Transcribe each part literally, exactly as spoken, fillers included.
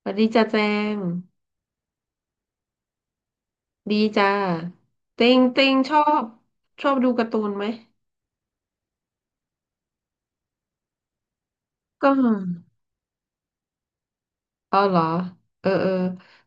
สวัสดีจ้าแจงดีจ้าเต็งเต็งชอบชอบดูการ์ตูนไหม ก็อ๋อเหรอเออเออ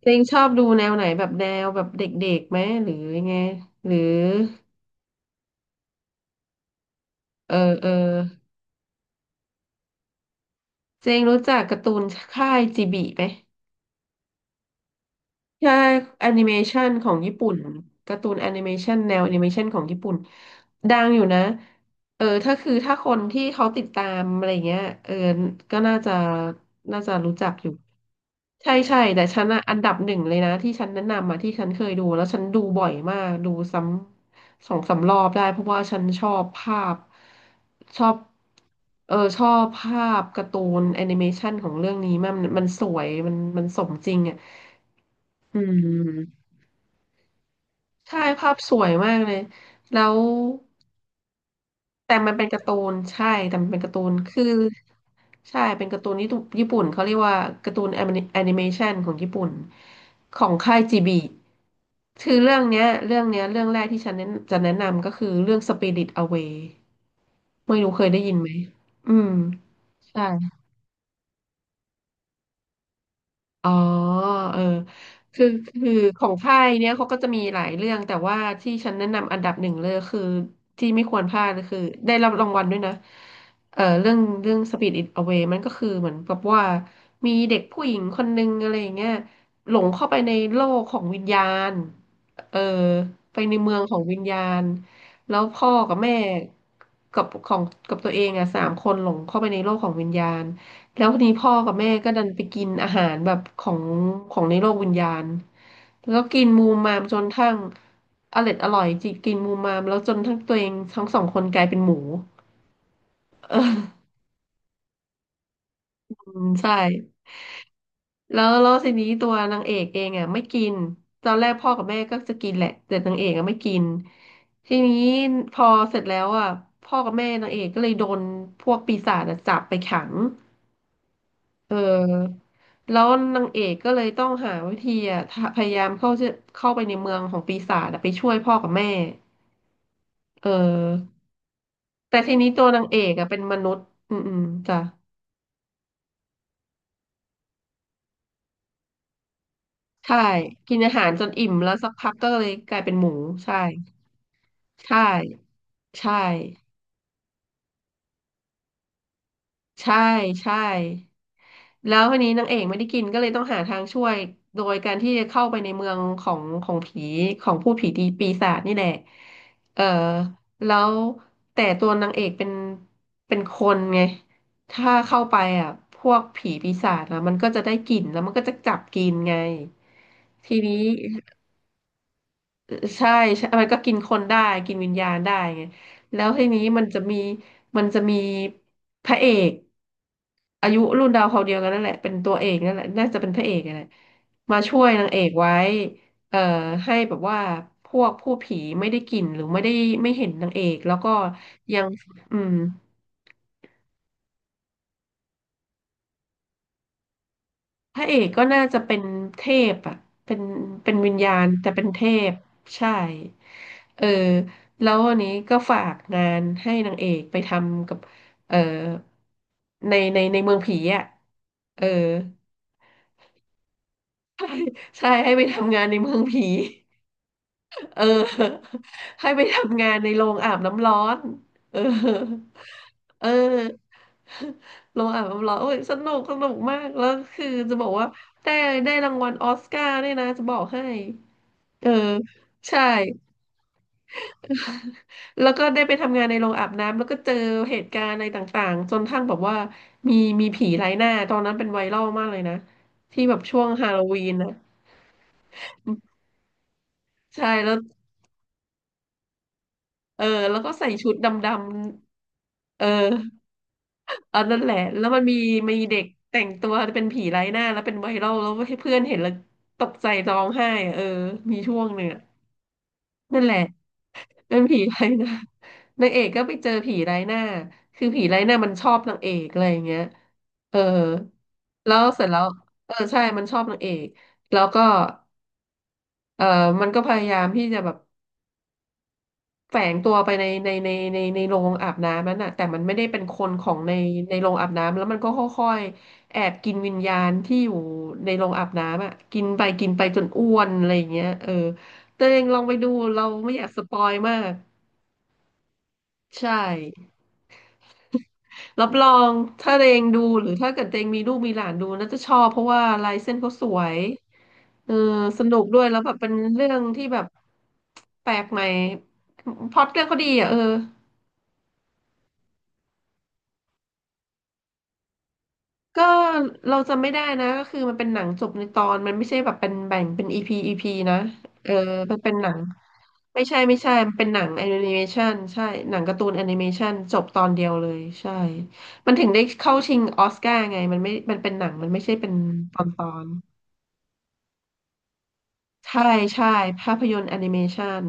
เต็งชอบดูแนวไหนแบบแนวแบบเด็กๆไหมหรือยังไงหรือเออเออเจงรู้จักการ์ตูนค่ายจิบิไหม ใช่แอนิเมชันของญี่ปุ่นการ์ตูนแอนิเมชันแนวแอนิเมชันของญี่ปุ่นดังอยู่นะเออถ้าคือถ้าคนที่เขาติดตามอะไรเงี้ยเออก็น่าจะน่าจะรู้จักอยู่ใช่ใช่แต่ฉันอะอันดับหนึ่งเลยนะที่ฉันแนะนำมาที่ฉันเคยดูแล้วฉันดูบ่อยมากดูซ้ำสองสามรอบได้เพราะว่าฉันชอบภาพชอบเออชอบภาพการ์ตูนแอนิเมชันของเรื่องนี้มากมันมันสวยมันมันสมจริงอะอืม ใช่ภาพสวยมากเลยแล้วแต่มันเป็นการ์ตูนใช่แต่มันเป็นการ์ตูนคือใช่เป็นการ์ตูนญี่ปุ่นญี่ปุ่นเขาเรียกว่าการ์ตูนแอนิเมชันของญี่ปุ่นของค่ายจีบีคือเรื่องเนี้ยเรื่องเนี้ยเรื่องแรกที่ฉันแนะจะแนะนำก็คือเรื่อง Spirit Away ไม่รู้เคยได้ยินไหมอืมใช่ อ๋อเออคือคือของค่ายเนี้ยเขาก็จะมีหลายเรื่อง แต่ว่าที่ฉันแนะนำอันดับหนึ่งเลยคือ ที่ไม่ควรพลาดก็คือได้รับรางวัลด้วยนะเออเรื่องเรื่อง Spirit It Away มันก็คือเหมือนกับว่า มีเด็กผู้หญิงคนนึงอะไรอย่างเงี้ยหลงเข้าไปในโลกของวิญญาณเออไปในเมืองของวิญญาณ แล้วพ่อกับแม่กับของกับตัวเองอ่ะสามคนหลงเข้าไปในโลกของวิญญาณ แล้วทีนี้พ่อกับแม่ก็ดันไปกินอาหารแบบของของในโลกวิญญาณแล้วกกินมูมมามจนทั้งอร่อยอร่อยจิกินมูมมามแล้วจนทั้งตัวเองทั้งสองคนกลายเป็นหมู เออใช่แล้วแล้วทีนี้ตัวนางเอกเองอ่ะไม่กินตอนแรกพ่อกับแม่ก็จะกินแหละแต่นางเอกอ่ะไม่กินทีนี้พอเสร็จแล้วอ่ะพ่อกับแม่นางเอกก็เลยโดนพวกปีศาจอะจับไปขัง เออแล้วนางเอกก็เลยต้องหาวิธีอ่ะทะพยายามเข้าชื่อเข้าไปในเมืองของปีศาจอะไปช่วยพ่อกับแม่เออแต่ทีนี้ตัวนางเอกอ่ะเป็นมนุษย์อืมอืมจ้ะใช่กินอาหารจนอิ่มแล้วสักพักก็เลยกลายเป็นหมูใช่ใช่ใช่ใช่ใช่ แล้วทีนี้นางเอกไม่ได้กินก็เลยต้องหาทางช่วยโดยการที่จะเข้าไปในเมืองของของผีของผู้ผีดีปีศาจนี่แหละเออแล้วแต่ตัวนางเอกเป็นเป็นคนไงถ้าเข้าไปอ่ะพวกผีปีศาจนะมันก็จะได้กลิ่นแล้วมันก็จะจับกินไงทีนี้ ใช่ใช่มันก็กินคนได้ กินวิญญาณได้ไงแล้วทีนี้มันจะมี มันจะมีพระเอกอายุรุ่นดาวเขาวเดียวกันนั่นแหละ เป็นตัวเอกนั่นแหละน่าจะเป็นพระเอกนั่นแหละมาช่วยนางเอกไว้เอ่อให้แบบว่าพวกผู้ผีไม่ได้กลิ่นหรือไม่ได้ไม่เห็นนางเอกแล้วก็ยังอืม พระเอกก็น่าจะเป็นเทพอ่ะเป็นเป็นวิญญาณแต่เป็นเทพใช่ เออ แล้ววันนี้ก็ฝากงานให้นางเอกไปทำกับ เออ ในในในเมืองผีอ่ะ เออใช่ใช่ให้ไปทำงานในเมืองผี เออ ให้ไปทำงานในโรงอาบน้ำร้อนเออเออ โรงอาบน้ำร้อนโอ้ยสนุกสนุกมากแล้วคือจะบอกว่าได้ได้รางวัลออสการ์ด้วยนะจะบอกให้เออใช่ แล้วก็ได้ไปทำงานในโรงอาบน้ำแล้วก็เจอเหตุการณ์อะไรต่างๆจนทั้งแบบว่ามีมีผีไร้หน้าตอนนั้นเป็นไวรัลมากเลยนะที่แบบช่วงฮาโลวีนนะใช่แล้วเออแล้วก็ใส่ชุดดำๆเออ อันนั้นแหละ แล้วมันมีมีเด็กแต่งตัวเป็นผีไร้หน้าแล้วเป็นไวรัลแล้วให้เพื่อนเห็นแล้วตกใจร้องไห้อะเออมีช่วงหนึ่งอะนั่นแหละเป็นผีไร้หน้า นางเอกก็ไปเจอผีไร้หน้าคือผีไร้หน้ามันชอบนางเอกอะไรอย่างเงี้ยเออแล้วเสร็จแล้วเออใช่มันชอบนางเอกแล้วก็เออมันก็พยายามที่จะแบบ แฝงตัวไปในในในในในโรงอาบน้ำนั้นน่ะแต่มันไม่ได้เป็นคนของในในโรงอาบน้ำแล้วมันก็ค่อยๆแอบกินวิญญาณที่อยู่ในโรงอาบน้ำอ่ะกินไปกินไปจนอ้วนอะไรอย่างเงี้ยเออตัวเองลองไปดูเราไม่อยากสปอยมากใช่รับรองถ้าเองดูหรือถ้าเกิดเองมีลูกมีหลานดูน่าจะชอบเพราะว่าลายเส้นเขาสวยเออสนุกด้วยแล้วแบบเป็นเรื่องที่แบบแปลกใหม่พล็อตเรื่องเขาดีอ่ะเออ ก็เราจำไม่ได้นะก็คือมันเป็นหนังจบในตอนมันไม่ใช่แบบเป็นแบ่งเป็นอีพีอีพีนะเออมันเป็นหนังไม่ใช่ไม่ใช่มันเป็นหนังแอนิเมชันใช่หนังการ์ตูนแอนิเมชันจบตอนเดียวเลยใช่มันถึงได้เข้าชิงออสการ์ไงมันไม่มันเป็นหนังมันไม่ใช่เป็นตอนตอนใช่ใช่ภาพยนตร์แอนิเมชัน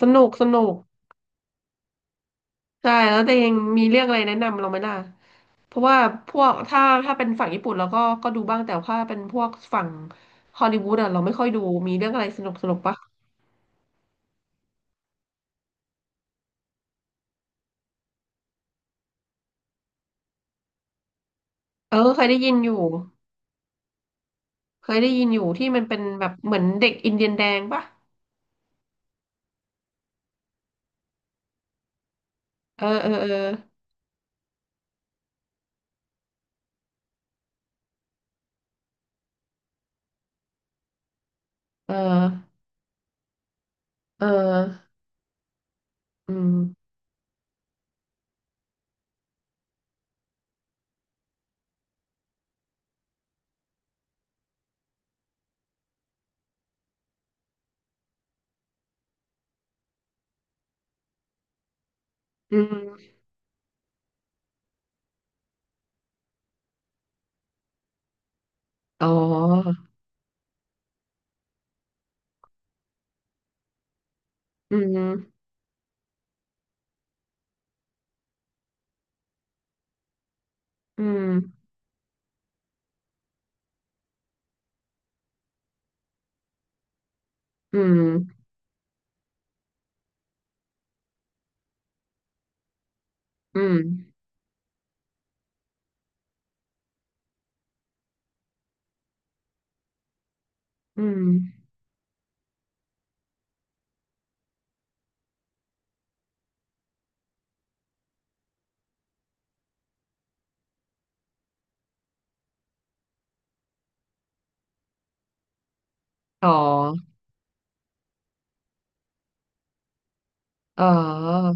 สนุกสนุก ใช่แล้วแต่ยังมีเรื่องอะไรแนะนำเราไหมล่ะเพราะว่าพวกถ้าถ้าเป็นฝั่งญี่ปุ่นเราก็ก็ดูบ้างแต่ถ้าเป็นพวกฝั่งฮอลลีวูดอะเราไม่ค่อยดูมีเรื่องอะไรสนุกสนุกปะเออเคยได้ยินอยู่เคยได้ยินอยู่ที่มันเป็นแบบเหมือนเด็กอินเดียนแดงปะเออเออเออเออเอออืมอืมอ๋ออืมอืมอืมอืมอืมอ๋ออ๋อ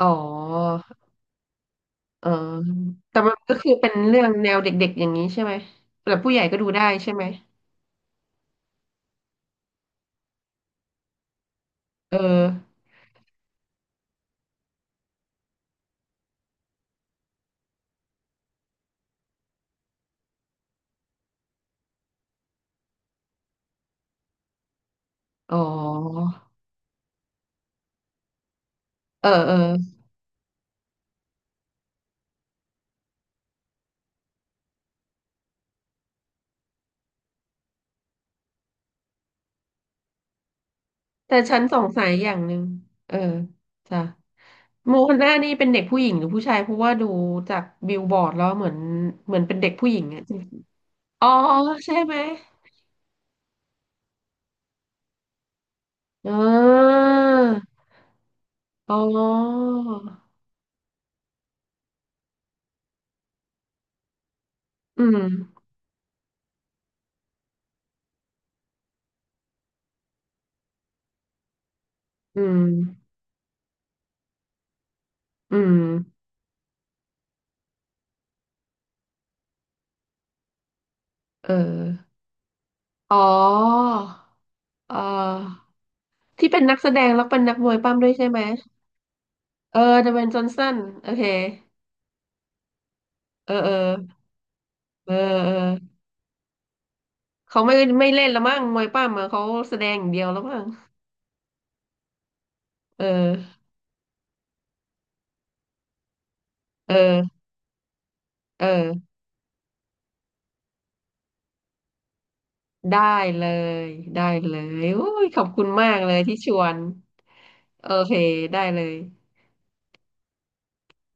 อ๋อ เออแต่มันก็คือเป็นเรื่องแนวเด็กๆอย่างนี้ใช่ไหมแต่ผู้ใหญ่ก็ดูได้ใช่ไหมเอออ๋อเออ เออแต่ฉันสงสัยอย่างหนึ่งเออ จ้ะโมฮันน่านี่เป็นเด็กผู้หญิงหรือผู้ชายเพราะว่าดูจากบิลบอร์ดแล้วเหมือนเหมือนเป็นเด็กผู้หญิงอะจริงอ๋อใช่ไหมอ๋ออ๋ออืมอืมอืมเอออ๋อเออ ที่เป็นนักแสดงแล้วเป็นนักมวยปั้มด้วยใช่ไหมเออเดเวนจอห์นสันโอเคเออเออเออเออเขาไม่ไม่เล่นละมั้งมวยปั้มอะเขาแสดงอย่างเดียวแล้วมั้งเออเออเออได้เลยได้เลยโอ้ยขอบคุณมากเลยที่ชวนโอเคได้เลย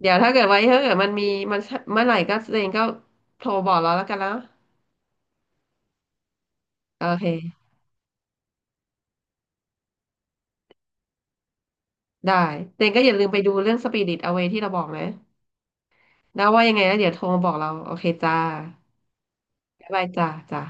เดี๋ยวถ้าเกิดไว้ถ้าเกิดมันมีมันเมื่อไหร่ก็เจนก็โทรบอกเราแล้วกันนะโอเคได้เจนก็อย่าลืมไปดูเรื่อง สปิริต อเวย์ ที่เราบอกนะนะว่ายังไงนะเดี๋ยวโทรมาบอกเราโอเคจ้า บ๊ายบายจ้าจ้า